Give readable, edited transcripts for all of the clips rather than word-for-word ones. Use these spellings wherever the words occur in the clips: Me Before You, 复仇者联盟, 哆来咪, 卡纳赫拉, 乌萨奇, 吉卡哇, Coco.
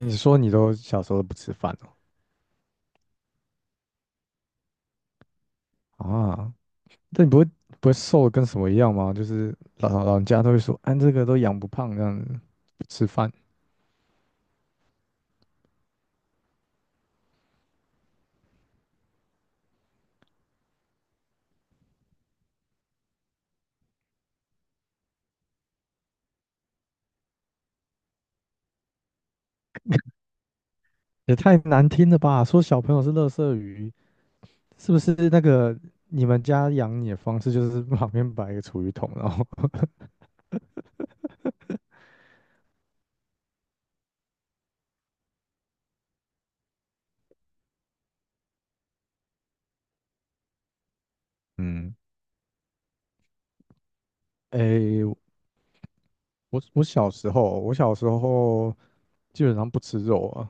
你说你都小时候都不吃饭哦？啊，那你不会瘦的跟什么一样吗？就是老人家都会说，哎，这个都养不胖这样子，不吃饭也太难听了吧？说小朋友是垃圾鱼，是不是那个你们家养你的方式就是旁边摆一个储鱼桶，然后 嗯，哎，我小时候基本上不吃肉啊，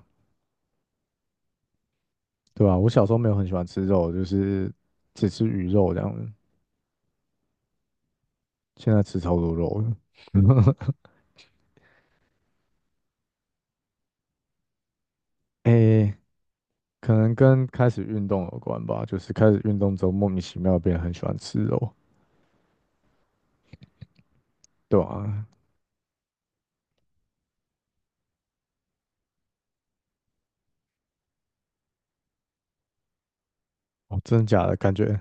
对吧？我小时候没有很喜欢吃肉，就是只吃鱼肉这样子，现在吃超多肉了。哎，可能跟开始运动有关吧，就是开始运动之后莫名其妙变得很喜欢吃肉，对啊，哦，真的假的？感觉？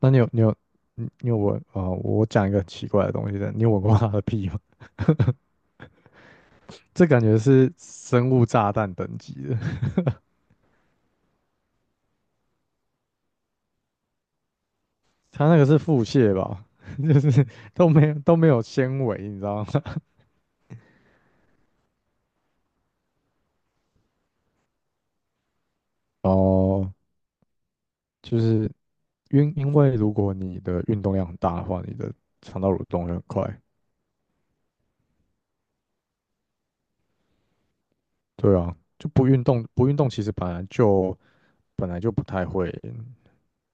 那你有你有你你有闻啊、呃我讲一个很奇怪的东西的，你有闻过它的屁吗？这感觉是生物炸弹等级的，它那个是腹泻吧，就是都没有纤维，你知道吗？哦，就是因为如果你的运动量很大的话，你的肠道蠕动会很快。对啊，就不运动，不运动其实本来就不太会，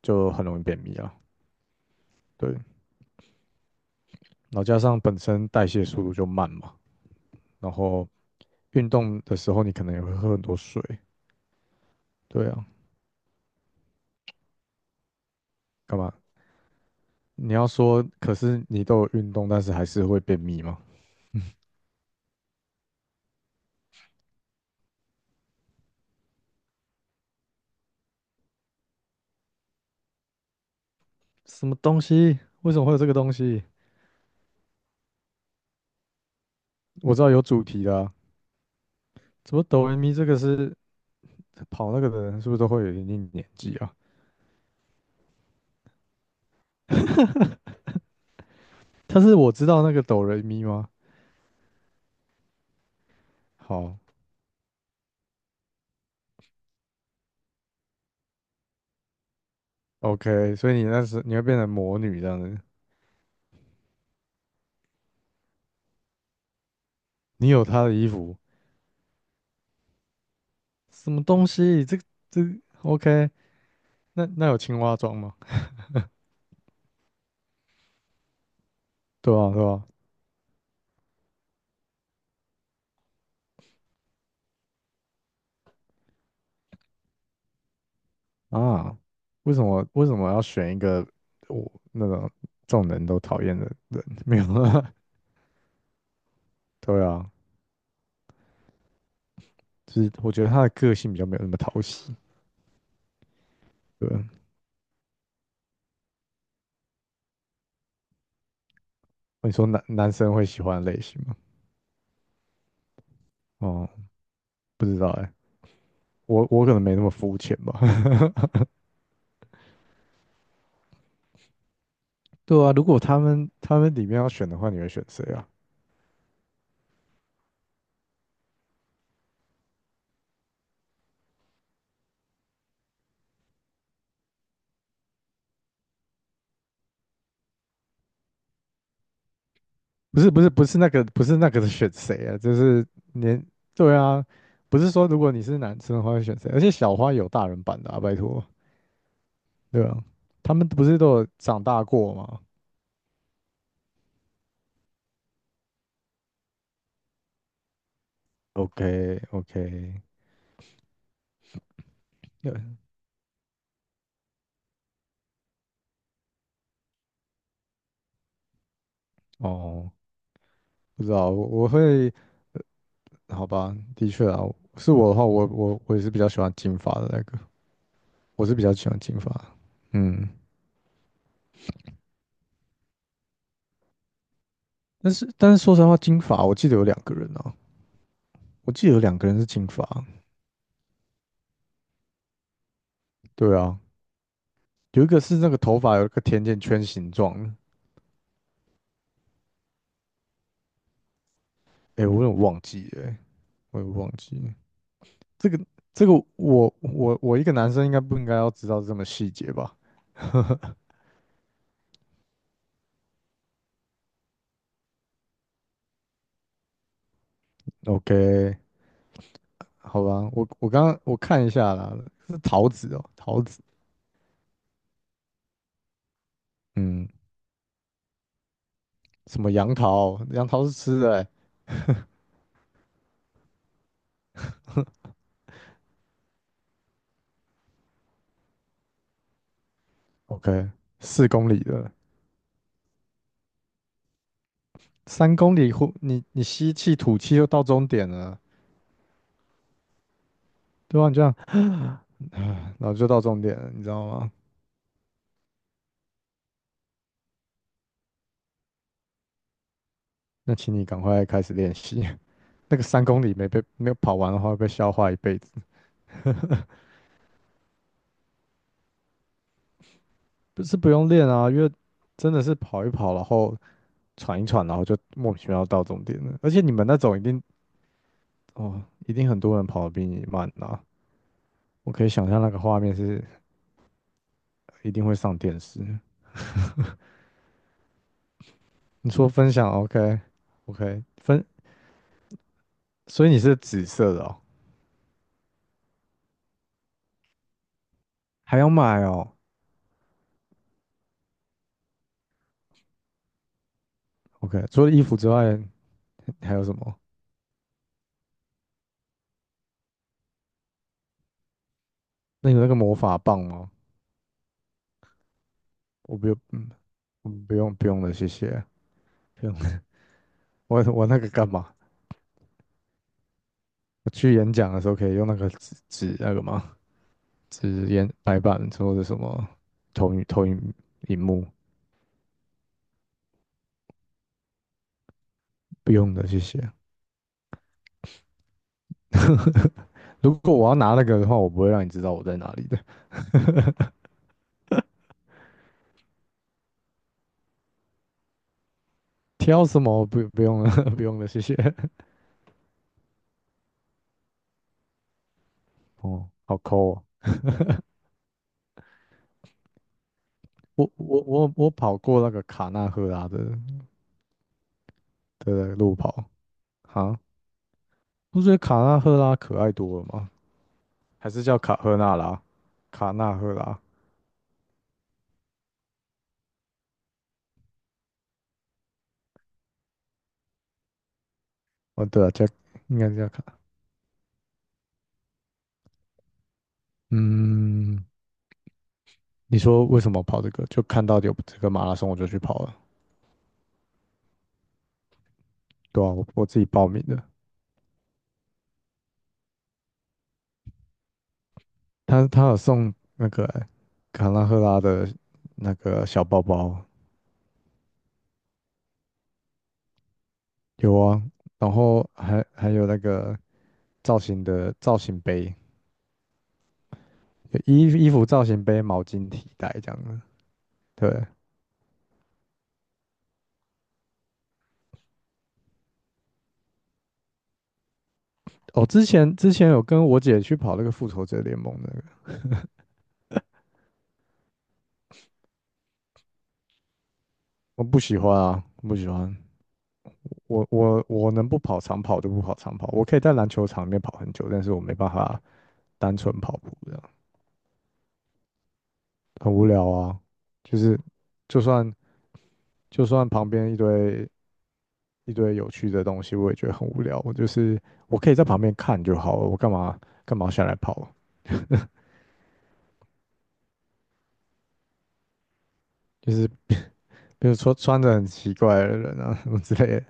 就很容易便秘啊。对，然后加上本身代谢速度就慢嘛，然后运动的时候你可能也会喝很多水。对啊，干嘛？你要说，可是你都有运动，但是还是会便秘吗？什么东西？为什么会有这个东西？我知道有主题的啊。怎么哆来咪这个是跑那个的人是不是都会有一定年纪啊？但是我知道那个哆来咪吗？好，OK，所以你那时会变成魔女这样子，你有她的衣服，什么东西？这个 OK？那那有青蛙装吗？对啊，对啊，啊，为什么要选一个我那种众人都讨厌的人？没有啊，对啊，就是我觉得他的个性比较没有那么讨喜。对啊，你说男生会喜欢的类型吗？哦，不知道哎、我可能没那么肤浅吧。对啊，如果他们里面要选的话，你会选谁啊？不是那个选谁啊，就是连对啊，不是说如果你是男生的话会选谁，而且小花有大人版的啊，拜托，对啊，他们不是都有长大过吗？ o k o k 对，哦，不知道，我好吧，的确啊，是我的话，我也是比较喜欢金发的那个，我是比较喜欢金发，嗯，但是说实话，金发我记得有两个人啊，我记得有两个人是金发，对啊，有一个是那个头发有一个甜甜圈形状的，哎、我有点忘记了欸我有点忘记了。这个这个我一个男生应该不应该要知道这么细节吧？ ？OK，好吧，我刚刚我看一下啦，是桃子哦，桃子，嗯，什么杨桃？杨桃是吃的欸，OK，4公里的，三公里后你吸气吐气就到终点了，对啊，你这样然后就到终点了，你知道吗？那请你赶快开始练习。那个三公里没被没有跑完的话，会被笑话一辈子。不是不用练啊，因为真的是跑一跑，然后喘一喘，然后就莫名其妙到终点了。而且你们那种一定哦，一定很多人跑得比你慢啊。我可以想象那个画面是一定会上电视。你说分享，OK， OK， 所以你是紫色的哦，还要买哦，OK。除了衣服之外，还有什么？那你那个魔法棒吗？我不用，嗯，不用不用了，谢谢。不用，我那个干嘛？我去演讲的时候可以用那个纸那个吗？纸演白板或者什么投影荧幕，不用的，谢谢。如果我要拿那个的话，我不会让你知道我在哪里的。挑什么？不用了，不用了，谢谢。哦，好抠哦。我跑过那个卡纳赫拉的路跑啊，不觉得卡纳赫拉可爱多了吗？还是叫卡赫纳拉？卡纳赫拉？哦，对啊，叫应该叫卡。嗯，你说为什么跑这个？就看到有这个马拉松，我就去跑了。对啊，我自己报名的。他有送那个欸卡拉赫拉的那个小包包，有啊，然后还有那个造型的造型杯，有衣服造型杯、毛巾、提袋这样的。对，哦，之前有跟我姐去跑那个复仇者联盟那个，我不喜欢啊，我不喜欢。我能不跑长跑就不跑长跑，我可以在篮球场里面跑很久，但是我没办法单纯跑步，这样很无聊啊。就是就算就算旁边一堆一堆有趣的东西，我也觉得很无聊。我就是我可以在旁边看就好了，我干嘛下来跑？就是比如说穿着很奇怪的人啊什么之类的，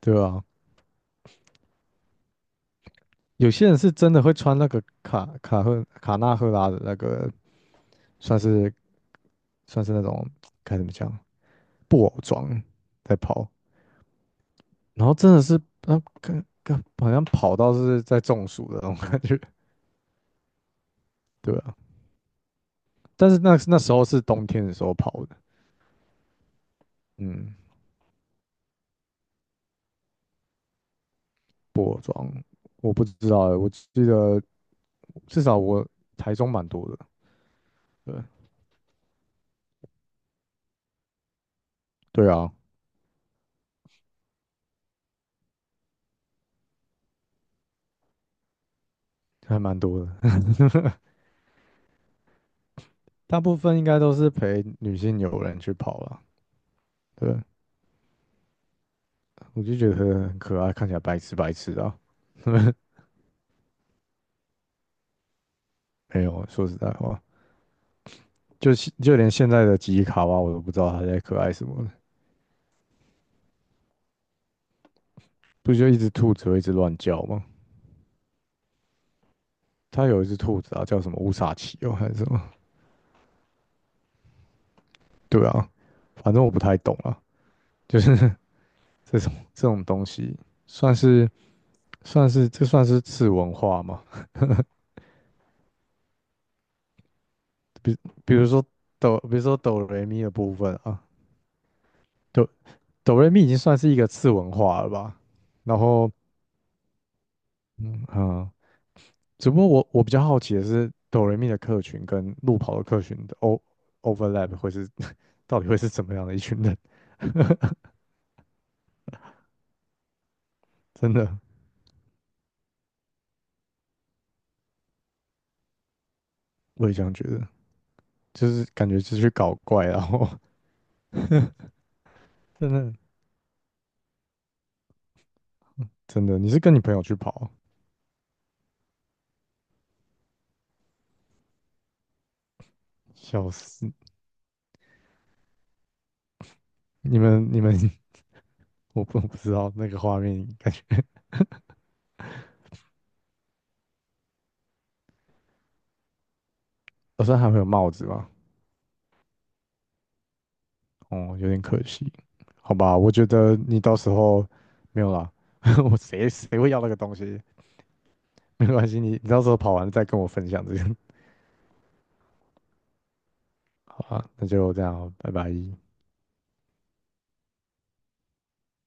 对吧、有些人是真的会穿那个卡纳赫拉的那个，算是算是那种该怎么讲？布偶装在跑，然后真的是那跟好像跑到是在中暑的那种感觉，对啊。但是那那时候是冬天的时候跑的，嗯，布偶装我不知道欸我记得至少我台中蛮多的，对对啊，还蛮多的，大部分应该都是陪女性友人去跑了，对，我就觉得很可爱，看起来白痴白痴的啊，没有，说实在话，就就连现在的吉卡哇，我都不知道他在可爱什么了。不就一只兔子会一直乱叫吗？它有一只兔子啊，叫什么乌萨奇哦，还是什么？对啊，反正我不太懂啊，就是 这种东西，算是算是这算是次文化吗？比比如说比如说哆来咪的部分啊，哆哆来咪已经算是一个次文化了吧？然后嗯啊、呃只不过我比较好奇的是哆来咪的客群跟路跑的客群的 overlap 会是 到底会是怎么样的一群人？真的。我也这样觉得，就是感觉是去搞怪啊，然后 真的真的，你是跟你朋友去跑啊，笑死！你们，我不知道那个画面，感觉好像还会有帽子吧？哦，有点可惜，好吧，我觉得你到时候没有啦，我谁会要那个东西？没关系，你到时候跑完再跟我分享这个，好吧？那就这样哦拜拜。